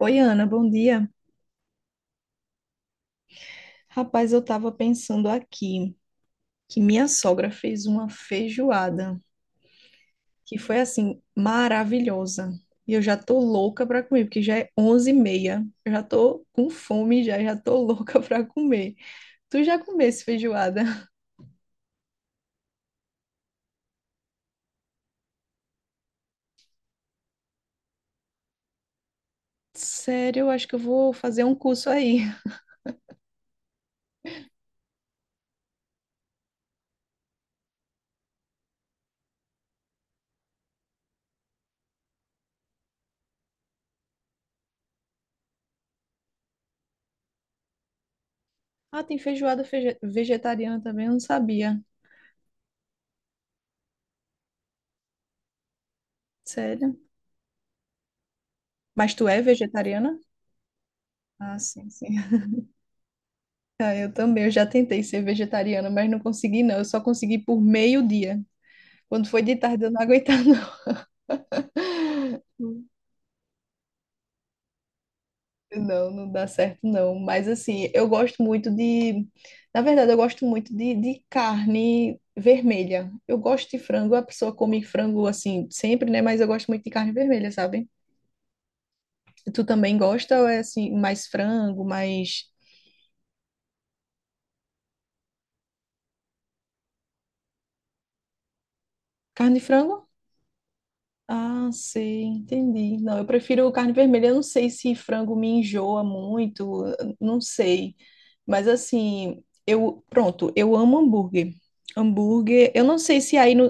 Oi, Ana, bom dia. Rapaz, eu tava pensando aqui que minha sogra fez uma feijoada que foi assim maravilhosa. E eu já tô louca para comer, porque já é 11:30. Eu já tô com fome já, já tô louca para comer. Tu já comesse feijoada? Sério, eu acho que eu vou fazer um curso aí. Ah, tem feijoada vegetariana também, eu não sabia. Sério? Mas tu é vegetariana? Ah, sim, sim. Eu também, eu já tentei ser vegetariana, mas não consegui não. Eu só consegui por meio-dia. Quando foi de tarde, eu não aguentava não. Não, não dá certo não. Mas assim, eu gosto muito de, na verdade, eu gosto muito de, carne vermelha. Eu gosto de frango, a pessoa come frango assim sempre, né? Mas eu gosto muito de carne vermelha, sabe? Tu também gosta ou é assim mais frango, mais carne de frango? Ah, sei, entendi. Não, eu prefiro carne vermelha. Eu não sei se frango me enjoa muito, eu não sei. Mas assim, eu, pronto, eu amo hambúrguer. Hambúrguer, eu não sei se aí no,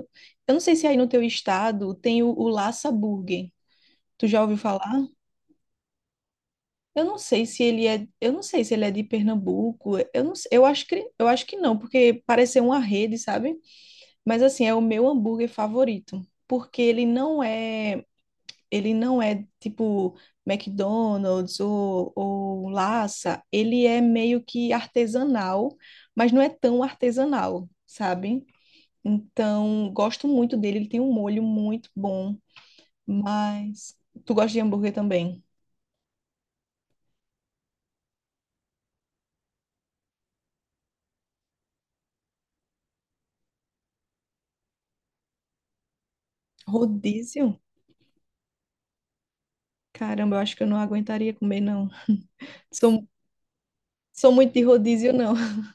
eu não sei se aí no teu estado tem o, Laça Burger. Tu já ouviu falar? Eu não sei se ele é, eu não sei se ele é de Pernambuco. Eu não, eu acho que não, porque parece ser uma rede, sabe? Mas assim, é o meu hambúrguer favorito, porque ele não é tipo McDonald's ou Lassa, ele é meio que artesanal, mas não é tão artesanal, sabe? Então, gosto muito dele, ele tem um molho muito bom, mas tu gosta de hambúrguer também? Rodízio? Caramba, eu acho que eu não aguentaria comer, não. Sou, sou muito de rodízio, não.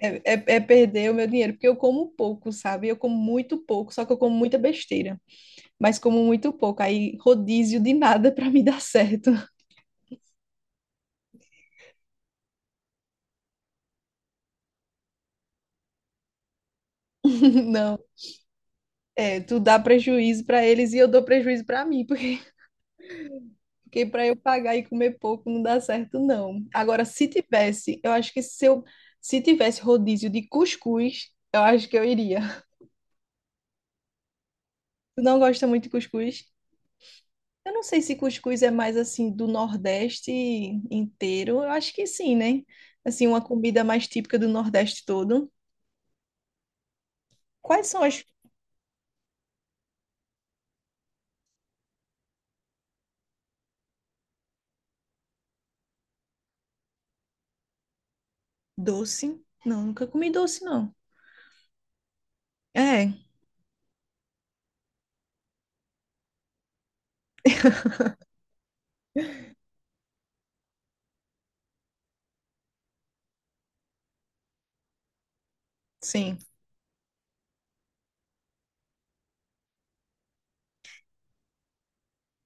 É perder o meu dinheiro, porque eu como pouco, sabe? Eu como muito pouco, só que eu como muita besteira. Mas como muito pouco. Aí rodízio de nada para me dar certo. Não. É, tu dá prejuízo para eles e eu dou prejuízo para mim, porque para eu pagar e comer pouco não dá certo, não. Agora, se tivesse, eu acho que se tivesse rodízio de cuscuz, eu acho que eu iria. Tu não gosta muito de cuscuz? Eu não sei se cuscuz é mais assim do Nordeste inteiro. Eu acho que sim, né? Assim, uma comida mais típica do Nordeste todo. Quais são as? Doce? Não, nunca comi doce, não. É, sim.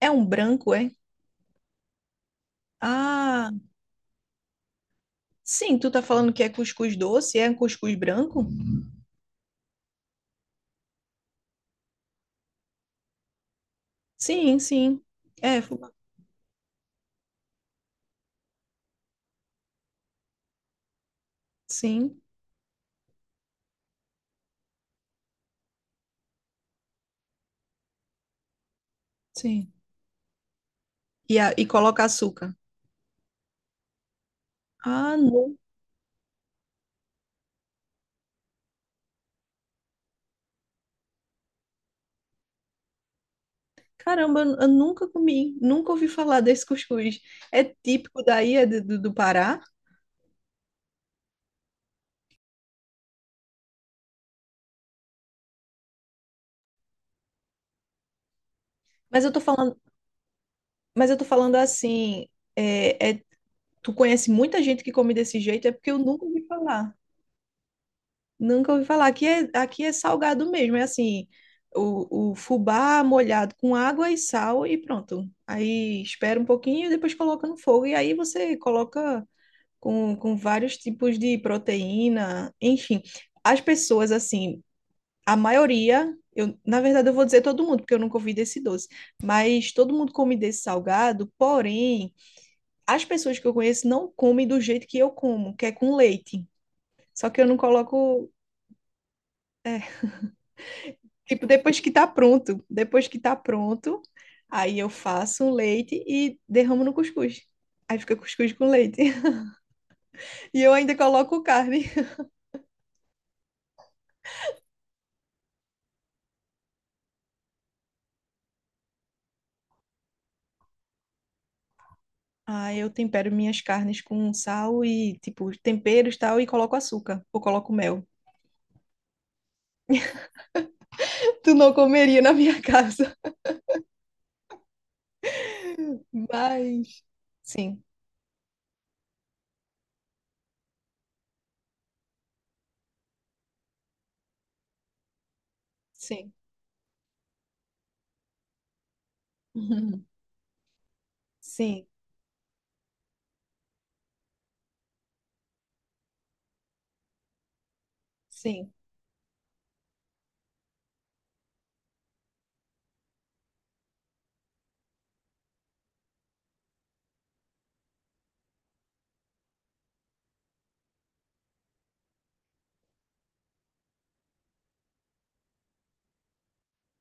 É um branco, é? Ah, sim, tu tá falando que é cuscuz doce, é um cuscuz branco? Sim, sim. É, fubá. Sim, sim. E coloca açúcar. Ah, não. Caramba, eu nunca comi, nunca ouvi falar desse cuscuz. É típico daí, é do Pará. Mas eu tô falando, mas eu tô falando assim, é, é- tu conhece muita gente que come desse jeito, é porque eu nunca ouvi falar. Nunca ouvi falar. Aqui é salgado mesmo. É assim, o, fubá molhado com água e sal e pronto. Aí espera um pouquinho e depois coloca no fogo. E aí você coloca com vários tipos de proteína. Enfim, as pessoas, assim, a maioria, eu, na verdade eu vou dizer todo mundo, porque eu nunca ouvi desse doce. Mas todo mundo come desse salgado. Porém, as pessoas que eu conheço não comem do jeito que eu como, que é com leite. Só que eu não coloco. Tipo, depois que tá pronto, aí eu faço um leite e derramo no cuscuz. Aí fica cuscuz com leite. E eu ainda coloco carne. Aí eu tempero minhas carnes com sal e, tipo, temperos e tal, e coloco açúcar ou coloco mel. Tu não comeria na minha casa. Mas. Sim, sim. Uhum. Sim, sim.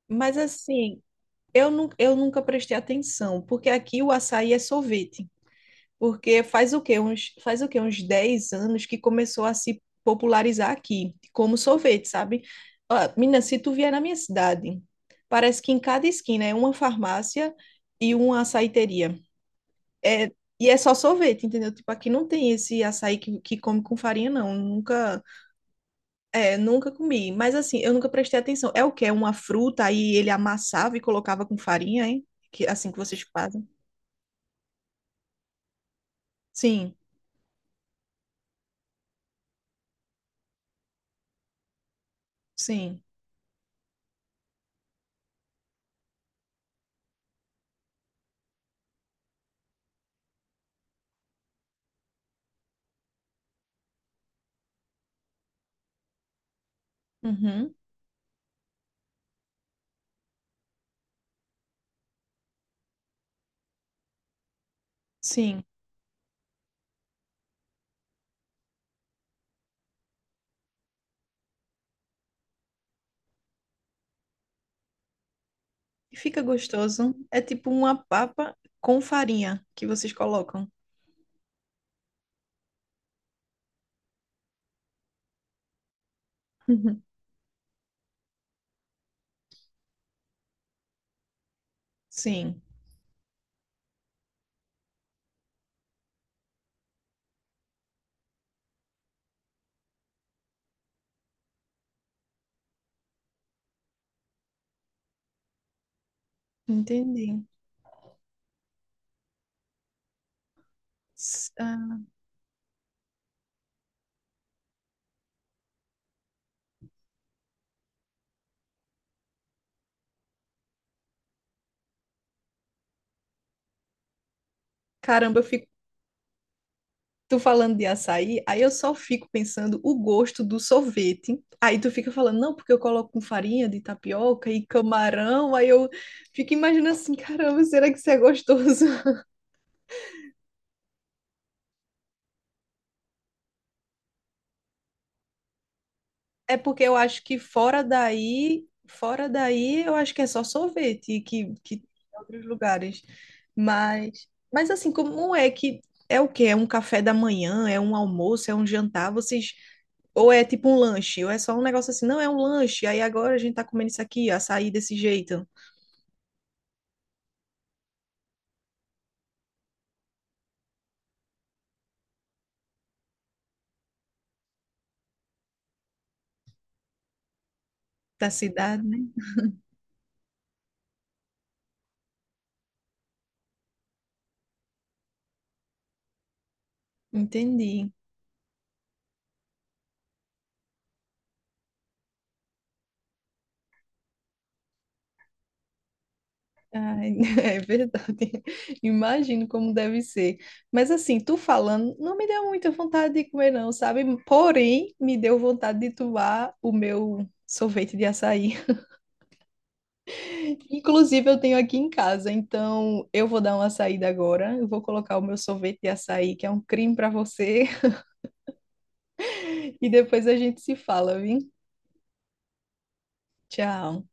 Mas assim, eu nunca prestei atenção, porque aqui o açaí é sorvete. Porque faz o quê? Uns, faz o quê? Uns 10 anos que começou a se popularizar aqui, como sorvete, sabe? Ó, menina, se tu vier na minha cidade, parece que em cada esquina é uma farmácia e uma açaiteria. É, e é só sorvete, entendeu? Tipo, aqui não tem esse açaí que, come com farinha, não. Nunca comi. Mas assim, eu nunca prestei atenção. É o quê? É uma fruta, aí ele amassava e colocava com farinha, hein? Que, assim que vocês fazem. Sim, sim. Uhum, sim. E fica gostoso. É tipo uma papa com farinha que vocês colocam. Sim, entendi. Ah, caramba, eu fico. Tu falando de açaí, aí eu só fico pensando o gosto do sorvete. Aí tu fica falando, não, porque eu coloco com farinha de tapioca e camarão. Aí eu fico imaginando assim, caramba, será que isso é gostoso? É porque eu acho que fora daí, eu acho que é só sorvete que tem em outros lugares. Mas assim, como é que é o quê? É um café da manhã, é um almoço, é um jantar, vocês ou é tipo um lanche, ou é só um negócio assim, não, é um lanche. Aí agora a gente tá comendo isso aqui, açaí desse jeito da cidade, né? Entendi. Ai, é verdade. Imagino como deve ser. Mas assim, tu falando, não me deu muita vontade de comer, não, sabe? Porém, me deu vontade de tomar o meu sorvete de açaí. Inclusive, eu tenho aqui em casa, então eu vou dar uma saída agora. Eu vou colocar o meu sorvete de açaí, que é um crime para você, e depois a gente se fala, viu? Tchau.